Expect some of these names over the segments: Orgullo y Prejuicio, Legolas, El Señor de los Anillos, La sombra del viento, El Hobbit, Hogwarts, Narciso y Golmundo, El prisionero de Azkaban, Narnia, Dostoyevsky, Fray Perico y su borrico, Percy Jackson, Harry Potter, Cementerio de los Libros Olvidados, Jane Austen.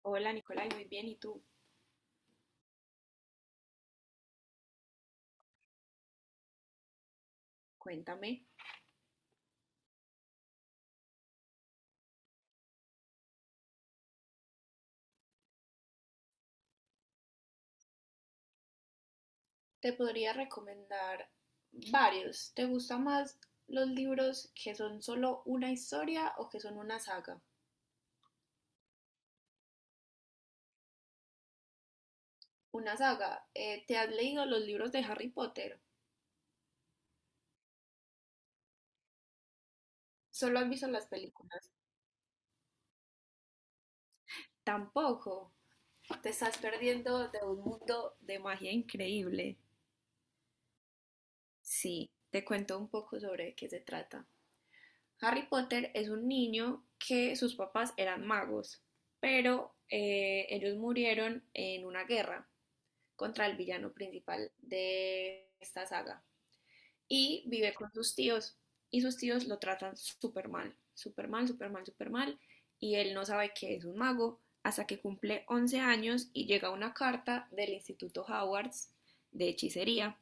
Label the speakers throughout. Speaker 1: Hola Nicolai, muy bien. ¿Y tú? Cuéntame. Te podría recomendar varios. ¿Te gustan más los libros que son solo una historia o que son una saga? Una saga. ¿Te has leído los libros de Harry Potter? ¿Solo has visto las películas? Tampoco. Te estás perdiendo de un mundo de magia increíble. Sí, te cuento un poco sobre qué se trata. Harry Potter es un niño que sus papás eran magos, pero ellos murieron en una guerra contra el villano principal de esta saga y vive con sus tíos y sus tíos lo tratan súper mal, súper mal, súper mal, súper mal y él no sabe que es un mago hasta que cumple 11 años y llega una carta del Instituto Hogwarts de hechicería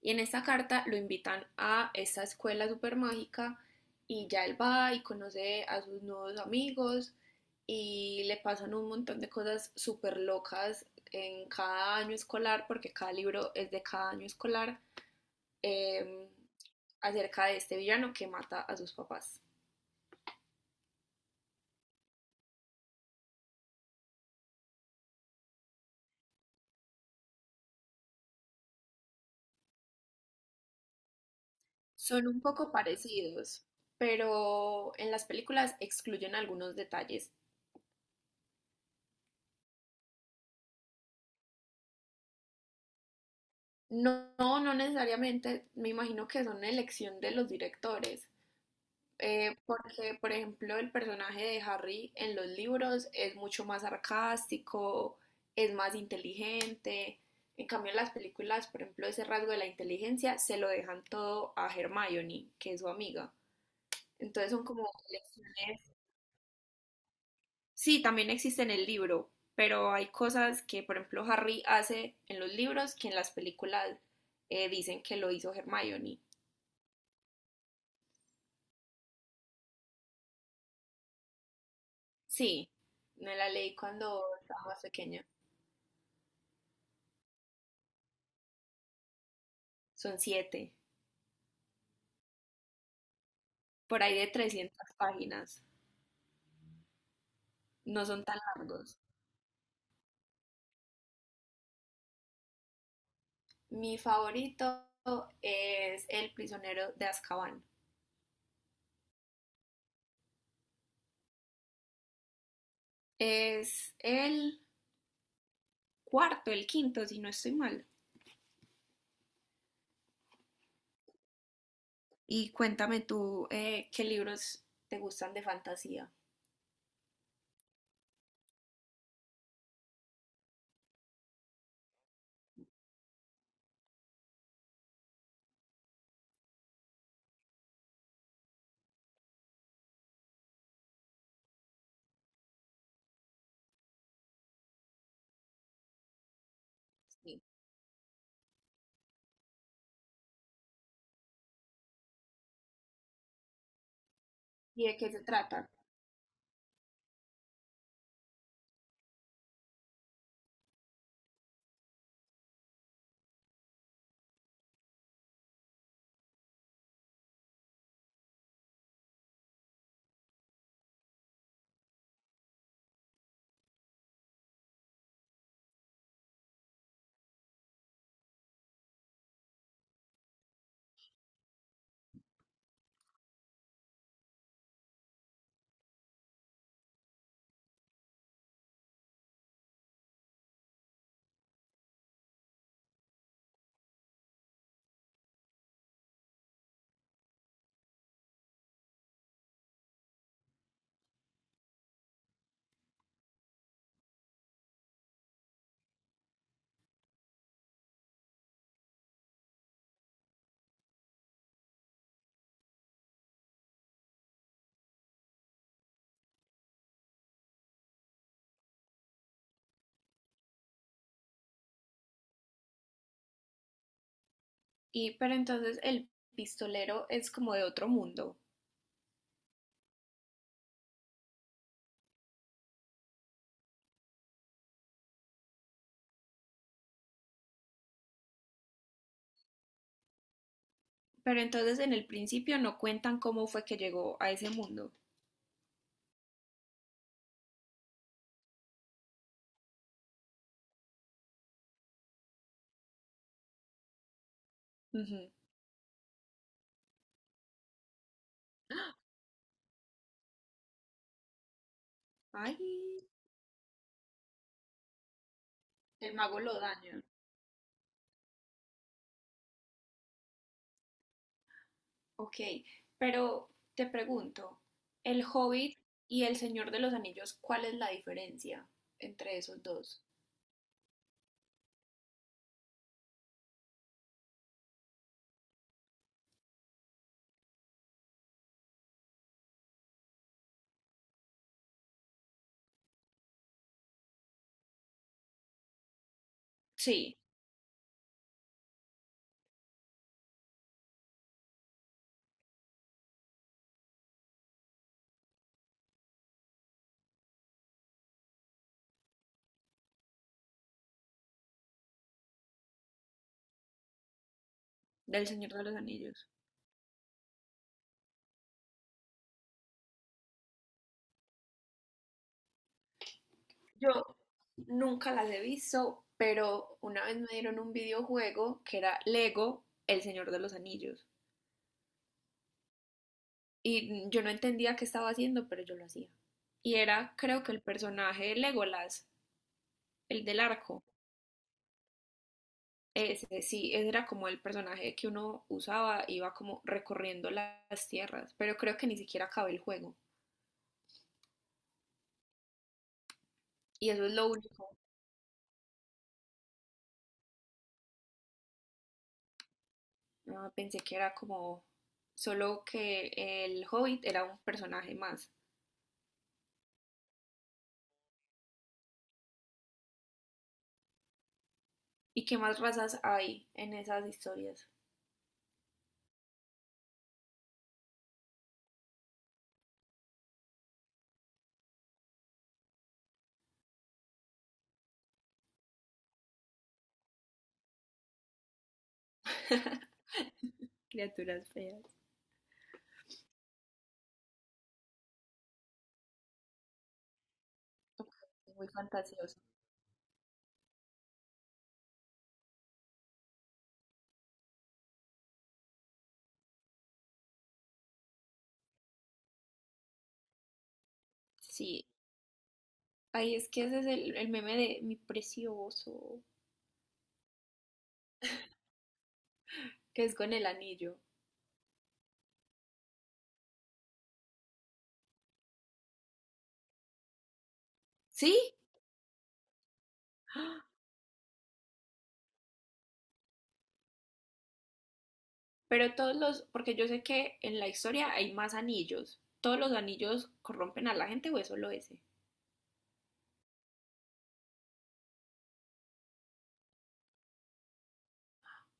Speaker 1: y en esta carta lo invitan a esta escuela super mágica y ya él va y conoce a sus nuevos amigos y le pasan un montón de cosas súper locas en cada año escolar, porque cada libro es de cada año escolar, eh, acerca de este villano que mata a sus papás. Son un poco parecidos, pero en las películas excluyen algunos detalles. No, no necesariamente, me imagino que son elección de los directores, porque, por ejemplo, el personaje de Harry en los libros es mucho más sarcástico, es más inteligente. En cambio, en las películas, por ejemplo, ese rasgo de la inteligencia se lo dejan todo a Hermione, que es su amiga. Entonces son como lecciones. Sí, también existe en el libro, pero hay cosas que, por ejemplo, Harry hace en los libros que en las películas dicen que lo hizo Hermione. Sí, me la leí cuando estaba más pequeña. Son siete. Por ahí de 300 páginas, no son tan largos. Mi favorito es El prisionero de Azkaban. Es el cuarto, el quinto, si no estoy mal. Y cuéntame tú, qué libros te gustan de fantasía. Sí. ¿Y de qué se trata? ¿Y pero entonces el pistolero es como de otro mundo? ¿Pero entonces en el principio no cuentan cómo fue que llegó a ese mundo? Uh -huh. Ay, el mago lo daña. Ok, pero te pregunto, El Hobbit y El Señor de los Anillos, ¿cuál es la diferencia entre esos dos? Sí, del Señor de los Anillos. Yo nunca las he visto, pero una vez me dieron un videojuego que era Lego, El Señor de los Anillos. Y yo no entendía qué estaba haciendo, pero yo lo hacía. Y era, creo que el personaje de Legolas, el del arco. Ese, sí, ese era como el personaje que uno usaba, iba como recorriendo las tierras, pero creo que ni siquiera acabé el juego. Y eso es lo único. Ah, pensé que era como solo que el Hobbit era un personaje más. ¿Y qué más razas hay en esas historias? Criaturas feas. Es muy fantasioso. Sí. Ahí es que ese es el meme de mi precioso, que es con el anillo. ¿Sí? Pero todos los, porque yo sé que en la historia hay más anillos. ¿Todos los anillos corrompen a la gente o es solo ese?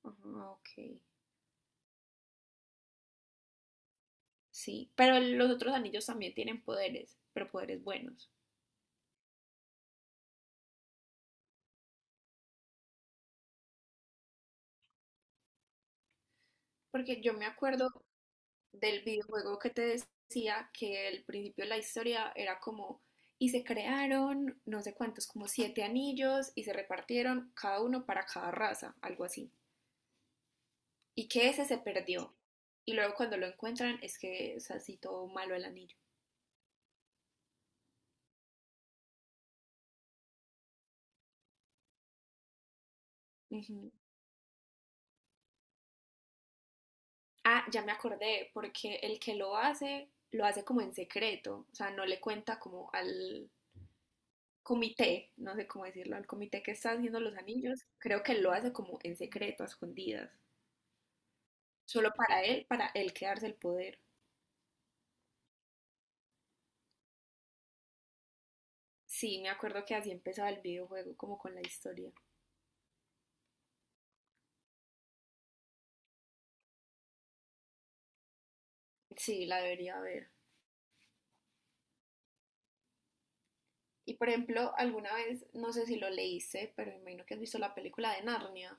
Speaker 1: Ajá, ok. Sí, pero los otros anillos también tienen poderes, pero poderes buenos. Porque yo me acuerdo del videojuego que te decía que el principio de la historia era como, y se crearon no sé cuántos, como siete anillos y se repartieron cada uno para cada raza, algo así. Y que ese se perdió. Y luego cuando lo encuentran es que es así todo malo el anillo. Ujú. Ah, ya me acordé, porque el que lo hace como en secreto, o sea, no le cuenta como al comité, no sé cómo decirlo, al comité que está haciendo los anillos, creo que lo hace como en secreto, a escondidas, solo para él quedarse el poder. Sí, me acuerdo que así empezaba el videojuego, como con la historia. Sí, la debería ver. Y por ejemplo, alguna vez, no sé si lo leíste, pero me imagino que has visto la película de Narnia.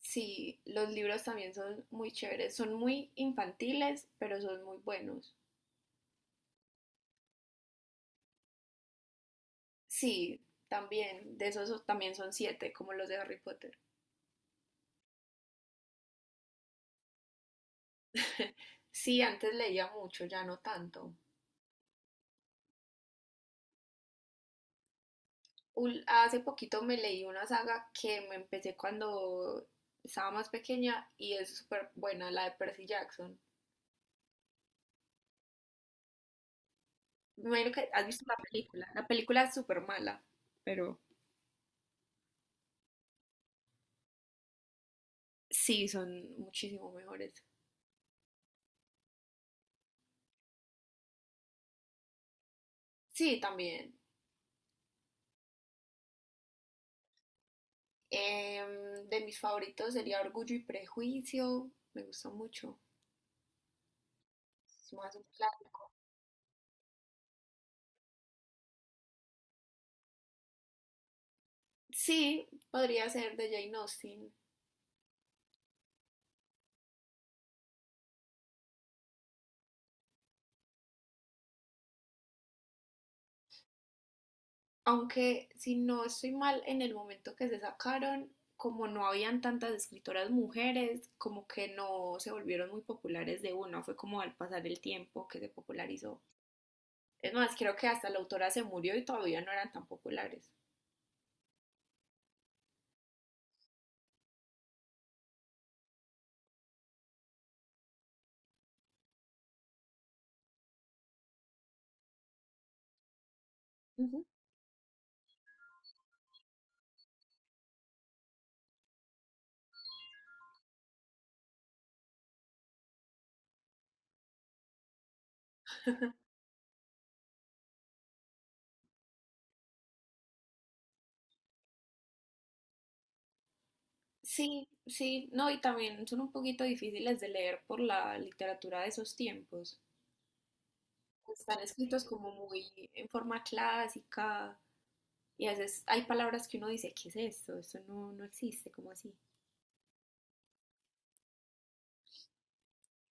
Speaker 1: Sí, los libros también son muy chéveres, son muy infantiles, pero son muy buenos. Sí, también, de esos también son siete, como los de Harry Potter. Sí, antes leía mucho, ya no tanto. Hace poquito me leí una saga que me empecé cuando estaba más pequeña y es súper buena, la de Percy Jackson. Me imagino que has visto la película. La película es súper mala, pero sí, son muchísimo mejores. Sí, también. Em, de mis favoritos sería Orgullo y Prejuicio. Me gusta mucho. Es más un clásico. Sí, podría ser de Jane Austen. Aunque si no estoy mal, en el momento que se sacaron, como no habían tantas escritoras mujeres, como que no se volvieron muy populares de una, fue como al pasar el tiempo que se popularizó. Es más, creo que hasta la autora se murió y todavía no eran tan populares. Ujú. Sí, sí, no, y también son un poquito difíciles de leer por la literatura de esos tiempos. Están escritos como muy en forma clásica y a veces hay palabras que uno dice, ¿qué es esto? Esto no, no existe, como así.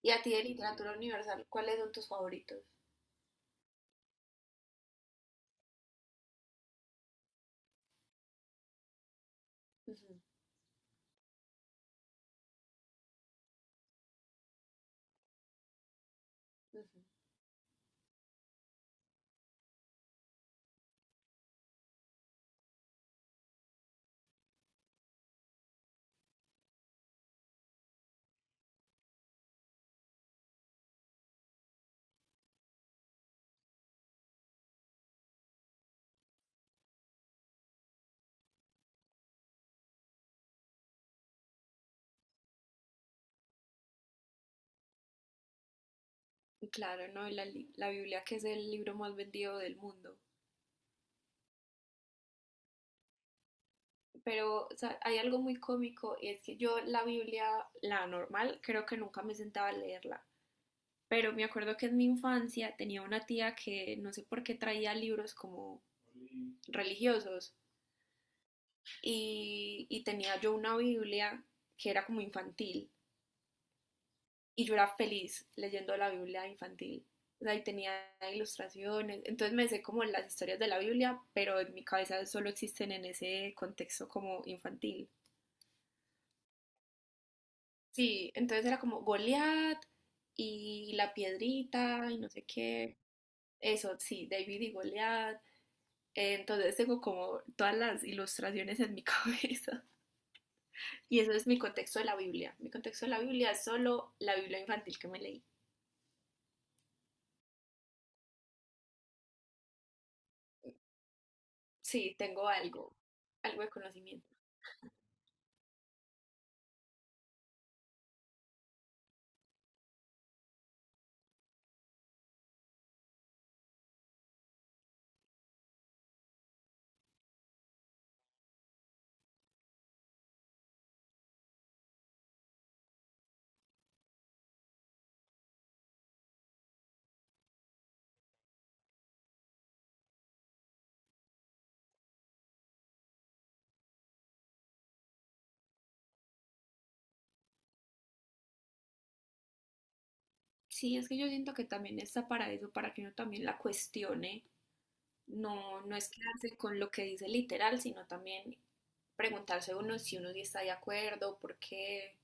Speaker 1: Y a ti de literatura universal, ¿cuáles son tus favoritos? Ujú, ujú. Y claro, ¿no? La, la Biblia, que es el libro más vendido del mundo. Pero o sea, hay algo muy cómico y es que yo la Biblia, la normal, creo que nunca me sentaba a leerla. Pero me acuerdo que en mi infancia tenía una tía que no sé por qué traía libros como religiosos y tenía yo una Biblia que era como infantil y yo era feliz leyendo la Biblia infantil. Ahí tenía ilustraciones, entonces me sé como las historias de la Biblia, pero en mi cabeza solo existen en ese contexto como infantil. Sí, entonces era como Goliat y la piedrita y no sé qué. Eso, sí, David y Goliat. Entonces tengo como todas las ilustraciones en mi cabeza. Y eso es mi contexto de la Biblia. Mi contexto de la Biblia es solo la Biblia infantil que me leí. Sí, tengo algo, algo de conocimiento. Sí, es que yo siento que también está para eso, para que uno también la cuestione. No, no es quedarse con lo que dice literal, sino también preguntarse uno si uno sí está de acuerdo, por qué.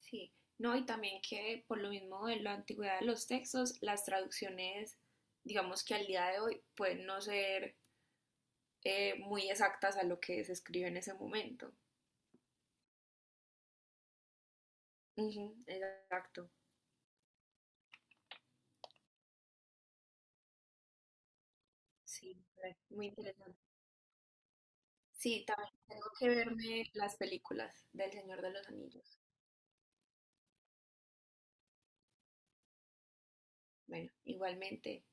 Speaker 1: Sí, no, y también que por lo mismo de la antigüedad de los textos, las traducciones, digamos que al día de hoy pueden no ser, muy exactas a lo que se escribe en ese momento. Ujú, exacto, sí, muy interesante. Sí, también tengo que verme las películas del Señor de los Anillos. Bueno, igualmente.